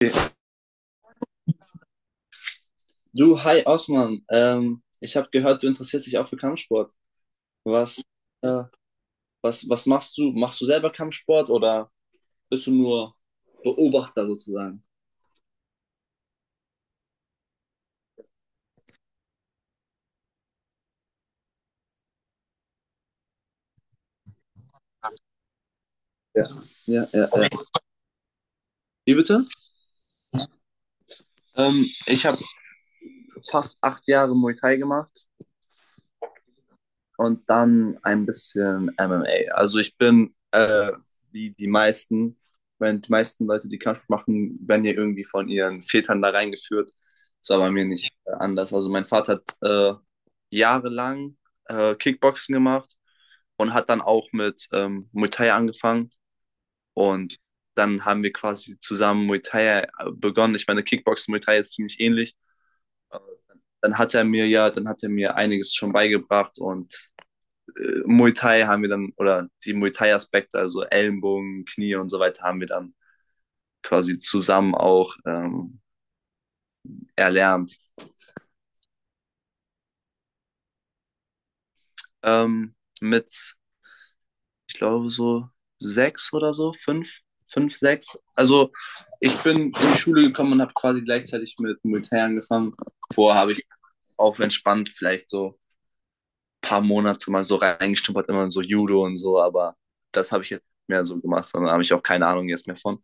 Okay. Du, hi Osman. Ich habe gehört, du interessierst dich auch für Kampfsport. Was, äh, was machst du? Machst du selber Kampfsport oder bist du nur Beobachter sozusagen? Ja, ja, ja, ja. Wie bitte? Ich habe fast acht Jahre Muay Thai gemacht und dann ein bisschen MMA. Also ich bin, wie die meisten, wenn die meisten Leute, die Kampfsport machen, werden ja irgendwie von ihren Vätern da reingeführt. Das war bei mir nicht anders. Also mein Vater hat jahrelang Kickboxen gemacht und hat dann auch mit Muay Thai angefangen. Und dann haben wir quasi zusammen Muay Thai begonnen. Ich meine, Kickboxen Muay Thai ist ziemlich ähnlich. Äh, Dann hat er mir ja, dann hat er mir einiges schon beigebracht und Muay Thai haben wir dann, oder die Muay Thai-Aspekte, also Ellenbogen, Knie und so weiter, haben wir dann quasi zusammen auch erlernt. Ähm, mit, Ich glaube, so sechs oder so, fünf, sechs. Also ich bin in die Schule gekommen und habe quasi gleichzeitig mit Muay Thai angefangen. Vorher habe ich auch entspannt vielleicht so ein paar Monate mal so reingestumpert, immer in so Judo und so, aber das habe ich jetzt nicht mehr so gemacht, sondern habe ich auch keine Ahnung jetzt mehr von.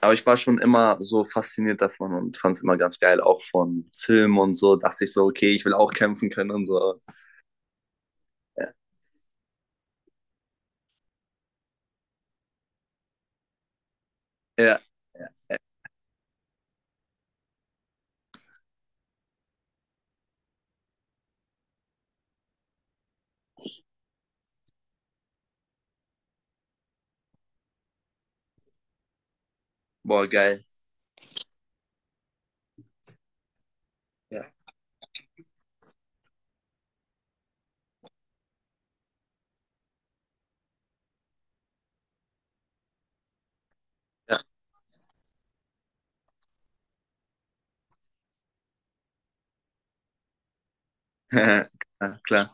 Aber ich war schon immer so fasziniert davon und fand es immer ganz geil, auch von Filmen und so. Dachte ich so, okay, ich will auch kämpfen können und so. Ja, ja. Boah, geil. Ja. Ja. Ja, klar.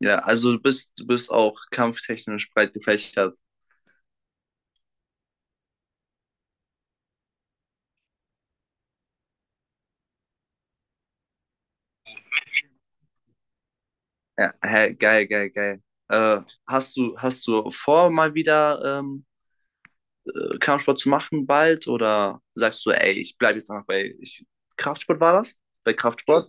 Ja, also du bist auch kampftechnisch breit gefächert. Ja, hä, geil, geil, geil. Äh, hast du vor, mal wieder Kampfsport zu machen bald? Oder sagst du, ey, ich bleibe jetzt einfach bei ich, Kraftsport war das? Bei Kraftsport?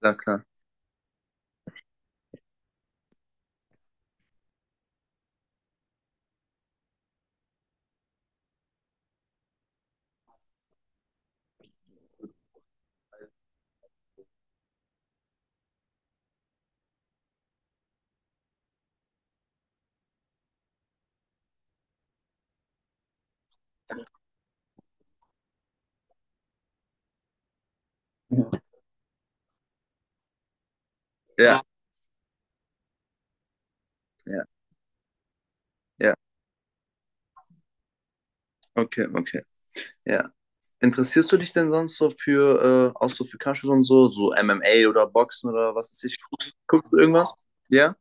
Ja, klar. Ja. Ja, ja, ja. Okay, okay. Ja. Interessierst du dich denn sonst so für, auch so für Kampfsport und so, so MMA oder Boxen oder was weiß ich? Guckst du irgendwas? Ja?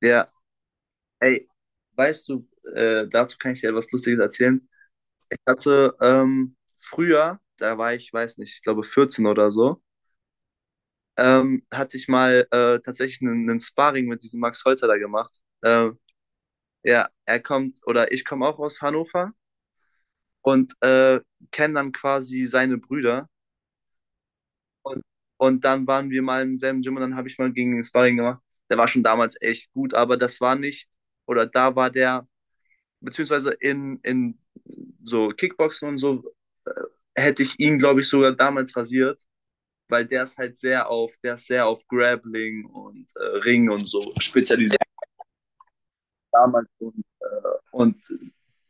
Ja. Ey, weißt du, dazu kann ich dir etwas Lustiges erzählen. Ich hatte früher, da war ich, weiß nicht, ich glaube 14 oder so, hatte ich mal tatsächlich einen Sparring mit diesem Max Holzer da gemacht. Ähm, ja, er kommt, oder ich komme auch aus Hannover und kenne dann quasi seine Brüder. Und, und dann waren wir mal im selben Gym und dann habe ich mal gegen den Sparring gemacht. Der war schon damals echt gut, aber das war nicht, oder da war der, beziehungsweise in so Kickboxen und so, äh, hätte ich ihn, glaube ich, sogar damals rasiert, weil der ist sehr auf Grappling und Ring und so spezialisiert damals. Und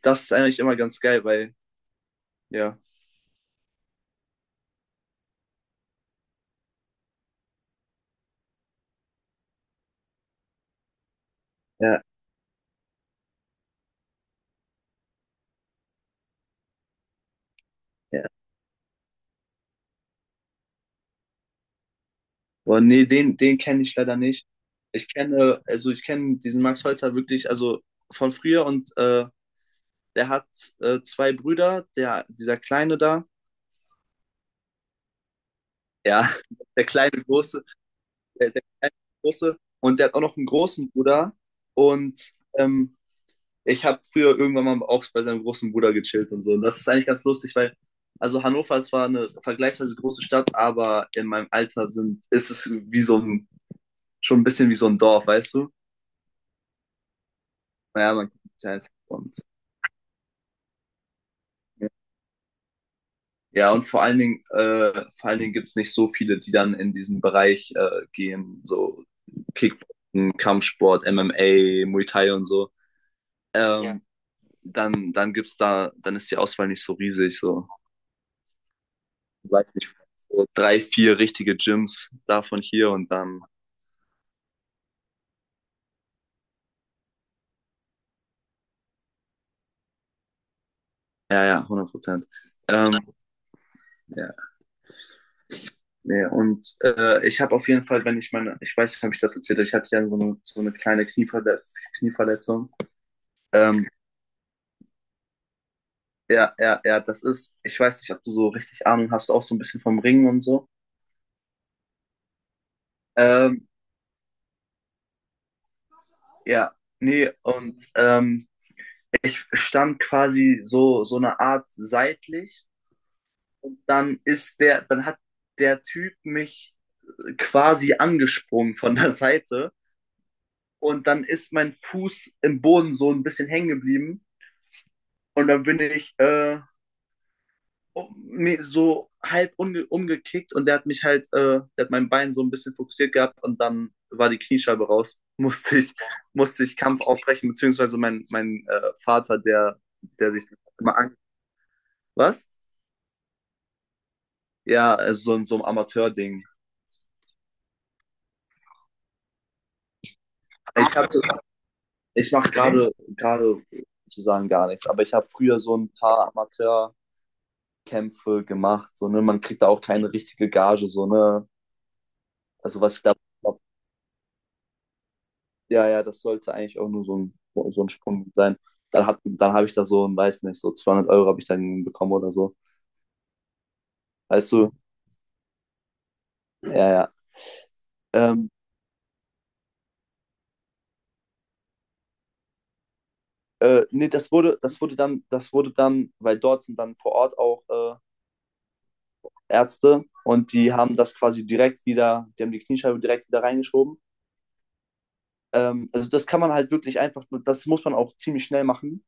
das ist eigentlich immer ganz geil, weil, ja. Ja, ja. Boah, nee, den kenne ich leider nicht. Ich kenne, also ich kenne diesen Max Holzer wirklich, also von früher und der hat zwei Brüder, der, dieser Kleine da, ja. Der kleine Große, der kleine Große und der hat auch noch einen großen Bruder und ich habe früher irgendwann mal auch bei seinem großen Bruder gechillt und so. Und das ist eigentlich ganz lustig, weil, also Hannover, es war eine vergleichsweise große Stadt, aber in meinem Alter sind, ist es wie so ein, schon ein bisschen wie so ein Dorf, weißt du? Naja, man kennt sich einfach und ja, und vor allen Dingen gibt es nicht so viele, die dann in diesen Bereich gehen, so Kickboxen, Kampfsport, MMA, Muay Thai und so. Ja. Dann gibt's da, dann ist die Auswahl nicht so riesig, so, ich weiß nicht, so drei, vier richtige Gyms davon hier und dann, ja, ja, hundert Prozent. Ähm, ja, nee, und ich habe auf jeden Fall, wenn ich meine, ich weiß nicht, ob ich das erzählt, habe ich hatte ja so eine kleine Knieverletzung. Ähm, Ja, ja, ja, das ist, ich weiß nicht, ob du so richtig Ahnung hast, auch so ein bisschen vom Ringen und so. Ähm, ja, nee, und Ich stand quasi so, so eine Art seitlich und dann ist der, dann hat der Typ mich quasi angesprungen von der Seite und dann ist mein Fuß im Boden so ein bisschen hängen geblieben und dann bin ich so halb umgekickt und der hat mich halt, der hat mein Bein so ein bisschen fokussiert gehabt und dann war die Kniescheibe raus. Musste ich Kampf aufbrechen, beziehungsweise mein Vater, der, der sich immer an. Was? Ja, also so, so ein Amateur-Ding. Ich, hab- Ich mache gerade sozusagen gar nichts, aber ich habe früher so ein paar Amateurkämpfe gemacht, so, ne? Man kriegt da auch keine richtige Gage, so, ne? Also was ich da, ja, ja, das sollte eigentlich auch nur so ein Sprung sein. Dann dann habe ich da so, ein, weiß nicht, so 200€ habe ich dann bekommen oder so. Weißt du? Ja, ja. Ähm, nee, das wurde dann, weil dort sind dann vor Ort auch Ärzte und die haben das quasi direkt wieder, die haben die Kniescheibe direkt wieder reingeschoben. Also das kann man halt wirklich einfach, das muss man auch ziemlich schnell machen,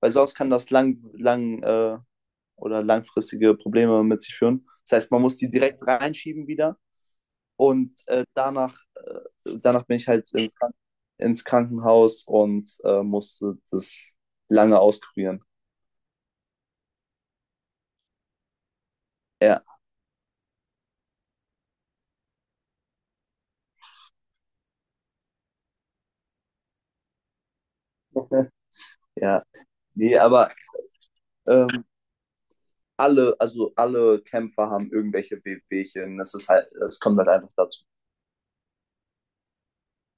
weil sonst kann das lang oder langfristige Probleme mit sich führen. Das heißt, man muss die direkt reinschieben wieder. Und danach bin ich halt ins, ins Krankenhaus und musste das lange auskurieren. Ja, ja. Nee, aber ähm, also alle Kämpfer haben irgendwelche Wehwehchen. Das ist halt, das kommt halt einfach dazu.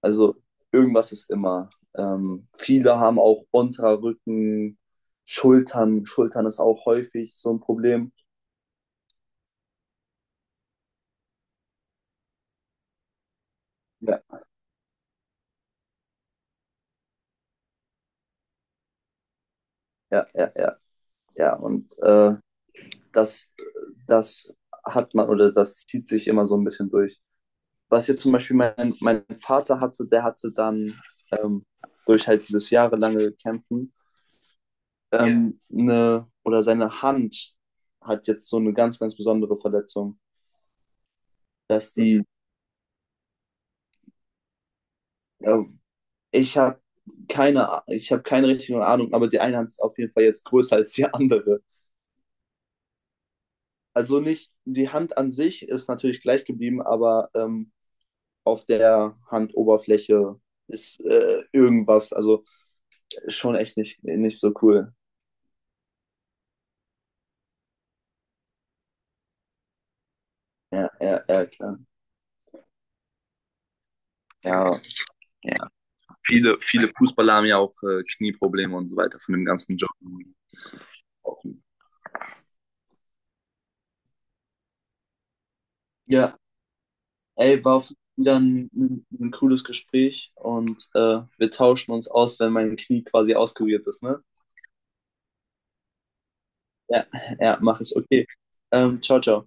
Also irgendwas ist immer. Viele haben auch unterer Rücken, Schultern. Schultern ist auch häufig so ein Problem. Ja, ja, ja, ja. Ja, und das, das hat man oder das zieht sich immer so ein bisschen durch. Was jetzt zum Beispiel mein Vater hatte, der hatte dann ähm, durch halt dieses jahrelange Kämpfen ja, eine, oder seine Hand hat jetzt so eine ganz, ganz besondere Verletzung, dass die, ähm, ich habe ich habe keine richtige Ahnung, aber die eine Hand ist auf jeden Fall jetzt größer als die andere. Also nicht, die Hand an sich ist natürlich gleich geblieben, aber auf der Handoberfläche ist irgendwas. Also schon echt nicht, nicht so cool. Ja, ja, ja, klar. Ja, ja. Viele, viele Fußballer haben ja auch Knieprobleme und so weiter von dem ganzen Job. Ja, ey, war auf jeden Fall wieder ein, ein cooles Gespräch und wir tauschen uns aus, wenn mein Knie quasi auskuriert ist, ne? Ja, ja, mache ich. Okay. Ciao, ciao.